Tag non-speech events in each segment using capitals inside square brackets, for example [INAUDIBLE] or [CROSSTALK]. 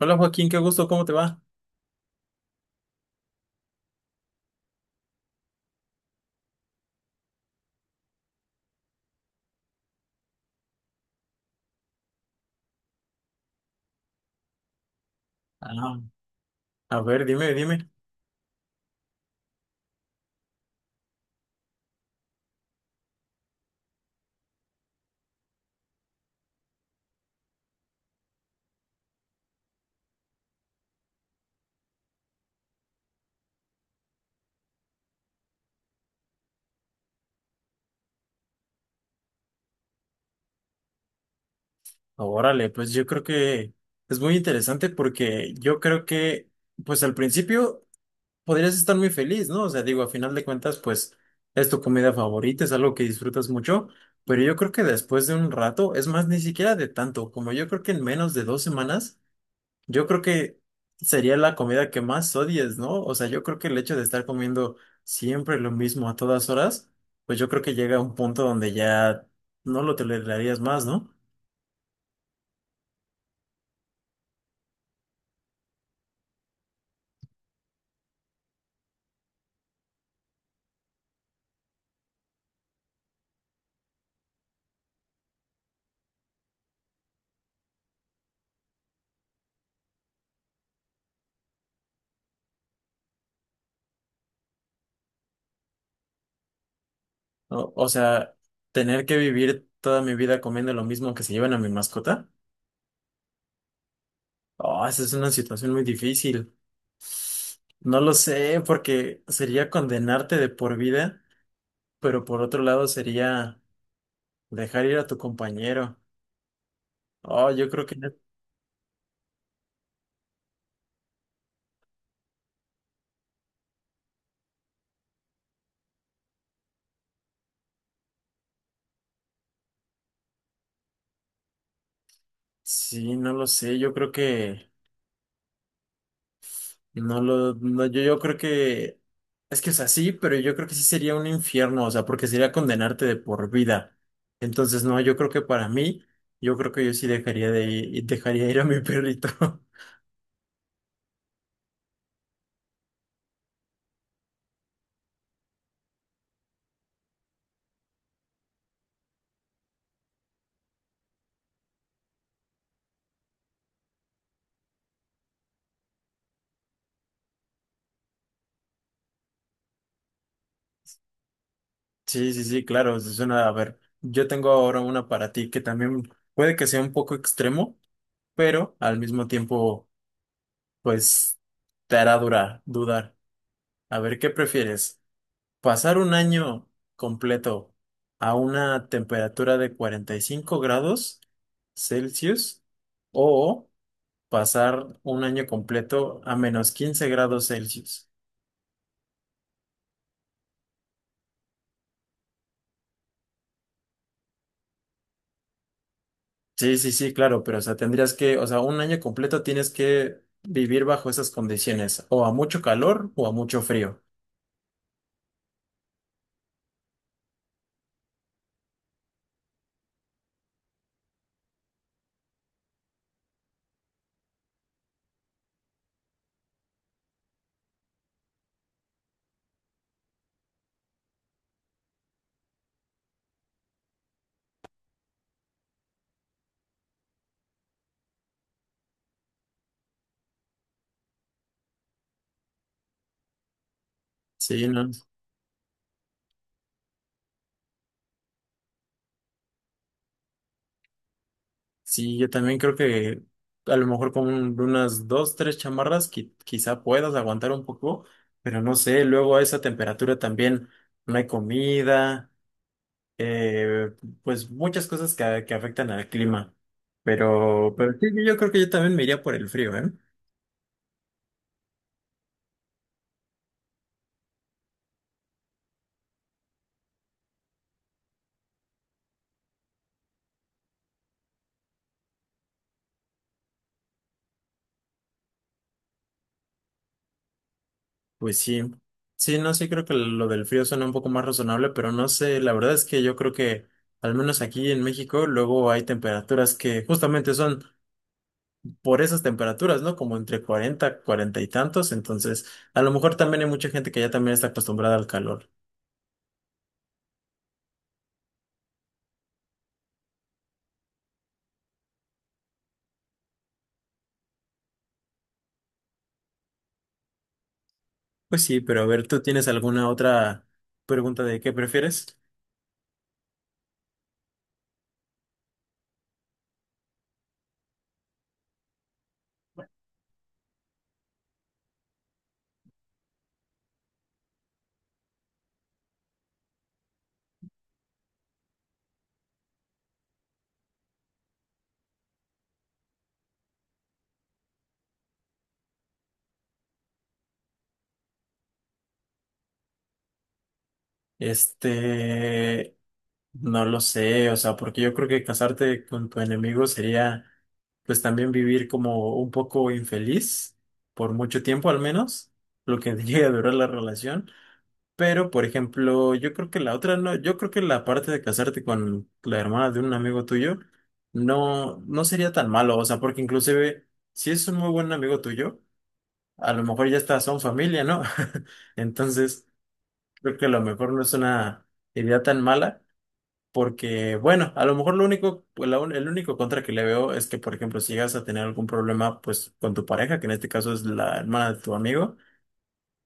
Hola, Joaquín, qué gusto, ¿cómo te va? Ah, a ver, dime. Órale, pues yo creo que es muy interesante porque pues al principio podrías estar muy feliz, ¿no? O sea, digo, a final de cuentas, pues es tu comida favorita, es algo que disfrutas mucho, pero yo creo que después de un rato, es más, ni siquiera de tanto, como yo creo que en menos de 2 semanas. Yo creo que sería la comida que más odies, ¿no? O sea, yo creo que el hecho de estar comiendo siempre lo mismo a todas horas, pues yo creo que llega a un punto donde ya no lo tolerarías más, ¿no? O sea, tener que vivir toda mi vida comiendo lo mismo que se llevan a mi mascota. Oh, esa es una situación muy difícil. No lo sé, porque sería condenarte de por vida, pero por otro lado sería dejar ir a tu compañero. Oh, yo creo que no, sí, no lo sé, yo creo que no, yo creo que es que o sea, sí, pero yo creo que sí sería un infierno, o sea, porque sería condenarte de por vida. Entonces, no, yo creo que para mí, yo creo que yo sí dejaría de ir, dejaría ir a mi perrito. [LAUGHS] Sí, sí, sí, claro, eso suena. A ver, yo tengo ahora una para ti que también puede que sea un poco extremo, pero al mismo tiempo, pues, te hará durar, dudar. A ver, ¿qué prefieres? Pasar un año completo a una temperatura de 45 grados Celsius o pasar un año completo a menos 15 grados Celsius. Sí, sí, sí, claro, pero o sea, tendrías que, o sea, un año completo tienes que vivir bajo esas condiciones, o a mucho calor o a mucho frío. Sí, ¿no? Sí, yo también creo que a lo mejor con unas dos, tres chamarras quizá puedas aguantar un poco, pero no sé, luego a esa temperatura también no hay comida, eh, pues muchas cosas que afectan al clima. Pero sí, yo creo que yo también me iría por el frío, ¿eh? Pues sí, sí, no, sí creo que lo del frío suena un poco más razonable, pero no sé, la verdad es que yo creo que al menos aquí en México luego hay temperaturas que justamente son por esas temperaturas, ¿no? Como entre 40, 40 y tantos. Entonces, a lo mejor también hay mucha gente que ya también está acostumbrada al calor. Pues sí, pero a ver, ¿tú tienes alguna otra pregunta de qué prefieres? Este, no lo sé, o sea, porque yo creo que casarte con tu enemigo sería, pues también vivir como un poco infeliz, por mucho tiempo al menos, lo que [LAUGHS] llega a durar la relación. Pero, por ejemplo, yo creo que la otra no, yo creo que la parte de casarte con la hermana de un amigo tuyo no sería tan malo, o sea, porque inclusive si es un muy buen amigo tuyo, a lo mejor ya está, son familia, ¿no? [LAUGHS] Entonces, creo que a lo mejor no es una idea tan mala, porque, bueno, a lo mejor lo único, pues, el único contra que le veo es que, por ejemplo, si llegas a tener algún problema, pues, con tu pareja, que en este caso es la hermana de tu amigo,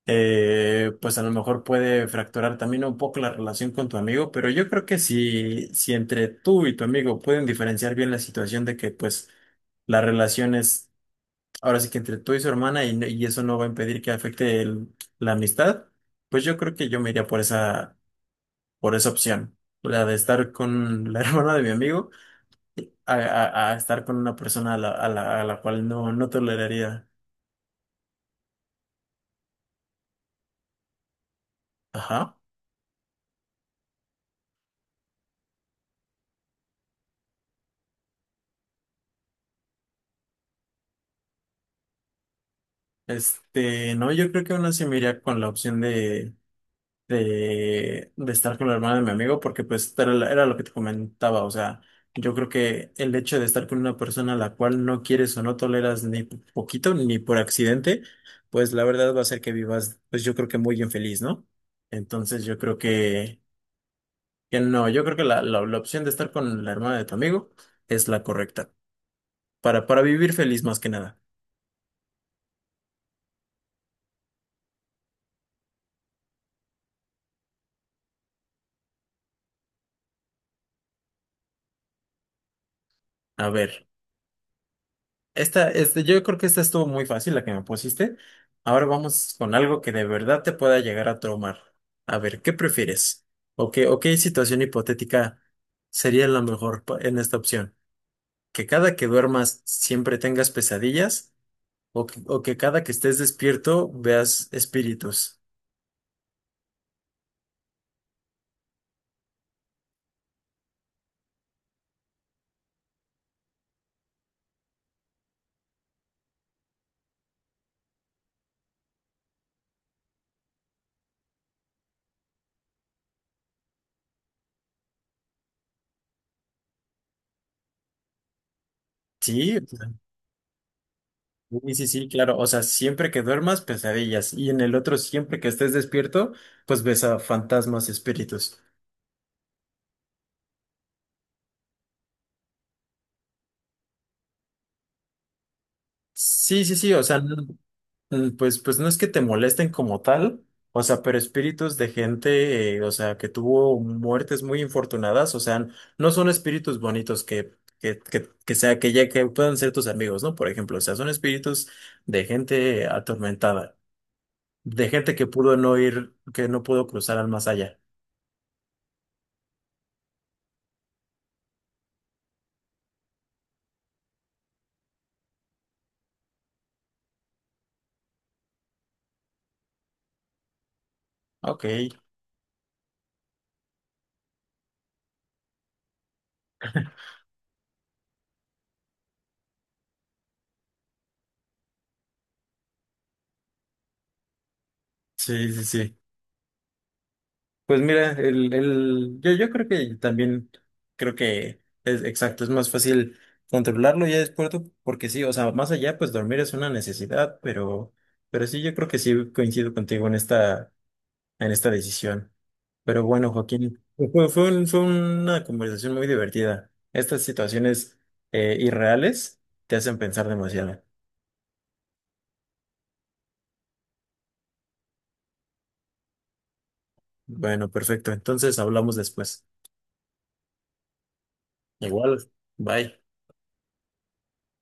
pues a lo mejor puede fracturar también un poco la relación con tu amigo, pero yo creo que si entre tú y tu amigo pueden diferenciar bien la situación de que pues la relación es ahora sí que entre tú y su hermana y, y eso no va a impedir que afecte la amistad, pues yo creo que yo me iría por esa opción, la de estar con la [LAUGHS] hermana de mi amigo a, a estar con una persona a la, a la, a la cual no toleraría. Ajá. Este, no, yo creo que aún así me iría con la opción de de estar con la hermana de mi amigo, porque pues era, era lo que te comentaba, o sea, yo creo que el hecho de estar con una persona a la cual no quieres o no toleras ni poquito, ni por accidente, pues la verdad va a ser que vivas, pues yo creo que muy infeliz, ¿no? Entonces yo creo que no, yo creo que la opción de estar con la hermana de tu amigo es la correcta, para vivir feliz más que nada. A ver. Esta, este, yo creo que esta estuvo muy fácil, la que me pusiste. Ahora vamos con algo que de verdad te pueda llegar a traumar. A ver, ¿qué prefieres? ¿O qué situación hipotética sería la mejor en esta opción? ¿Que cada que duermas siempre tengas pesadillas? ¿O que cada que estés despierto veas espíritus? Sí, o sea, sí, sí, sí, claro. O sea, siempre que duermas, pesadillas. Y en el otro, siempre que estés despierto, pues ves a fantasmas, espíritus. Sí, sí, sí, o sea, mm, pues, pues no es que te molesten como tal, o sea, pero espíritus de gente, o sea, que tuvo muertes muy infortunadas, o sea, no son espíritus bonitos que sea, que ya que puedan ser tus amigos, ¿no? Por ejemplo, o sea, son espíritus de gente atormentada, de gente que pudo no ir, que no pudo cruzar al más allá. Ok, sí, sí, sí. Pues mira, yo, yo creo que también, creo que es exacto, es más fácil controlarlo ya después, tú, porque sí, o sea, más allá, pues dormir es una necesidad, pero sí, yo creo que sí coincido contigo en esta decisión. Pero bueno, Joaquín, pues fue, fue una conversación muy divertida. Estas situaciones irreales te hacen pensar demasiado. Bueno, perfecto, entonces hablamos después. Igual, bye.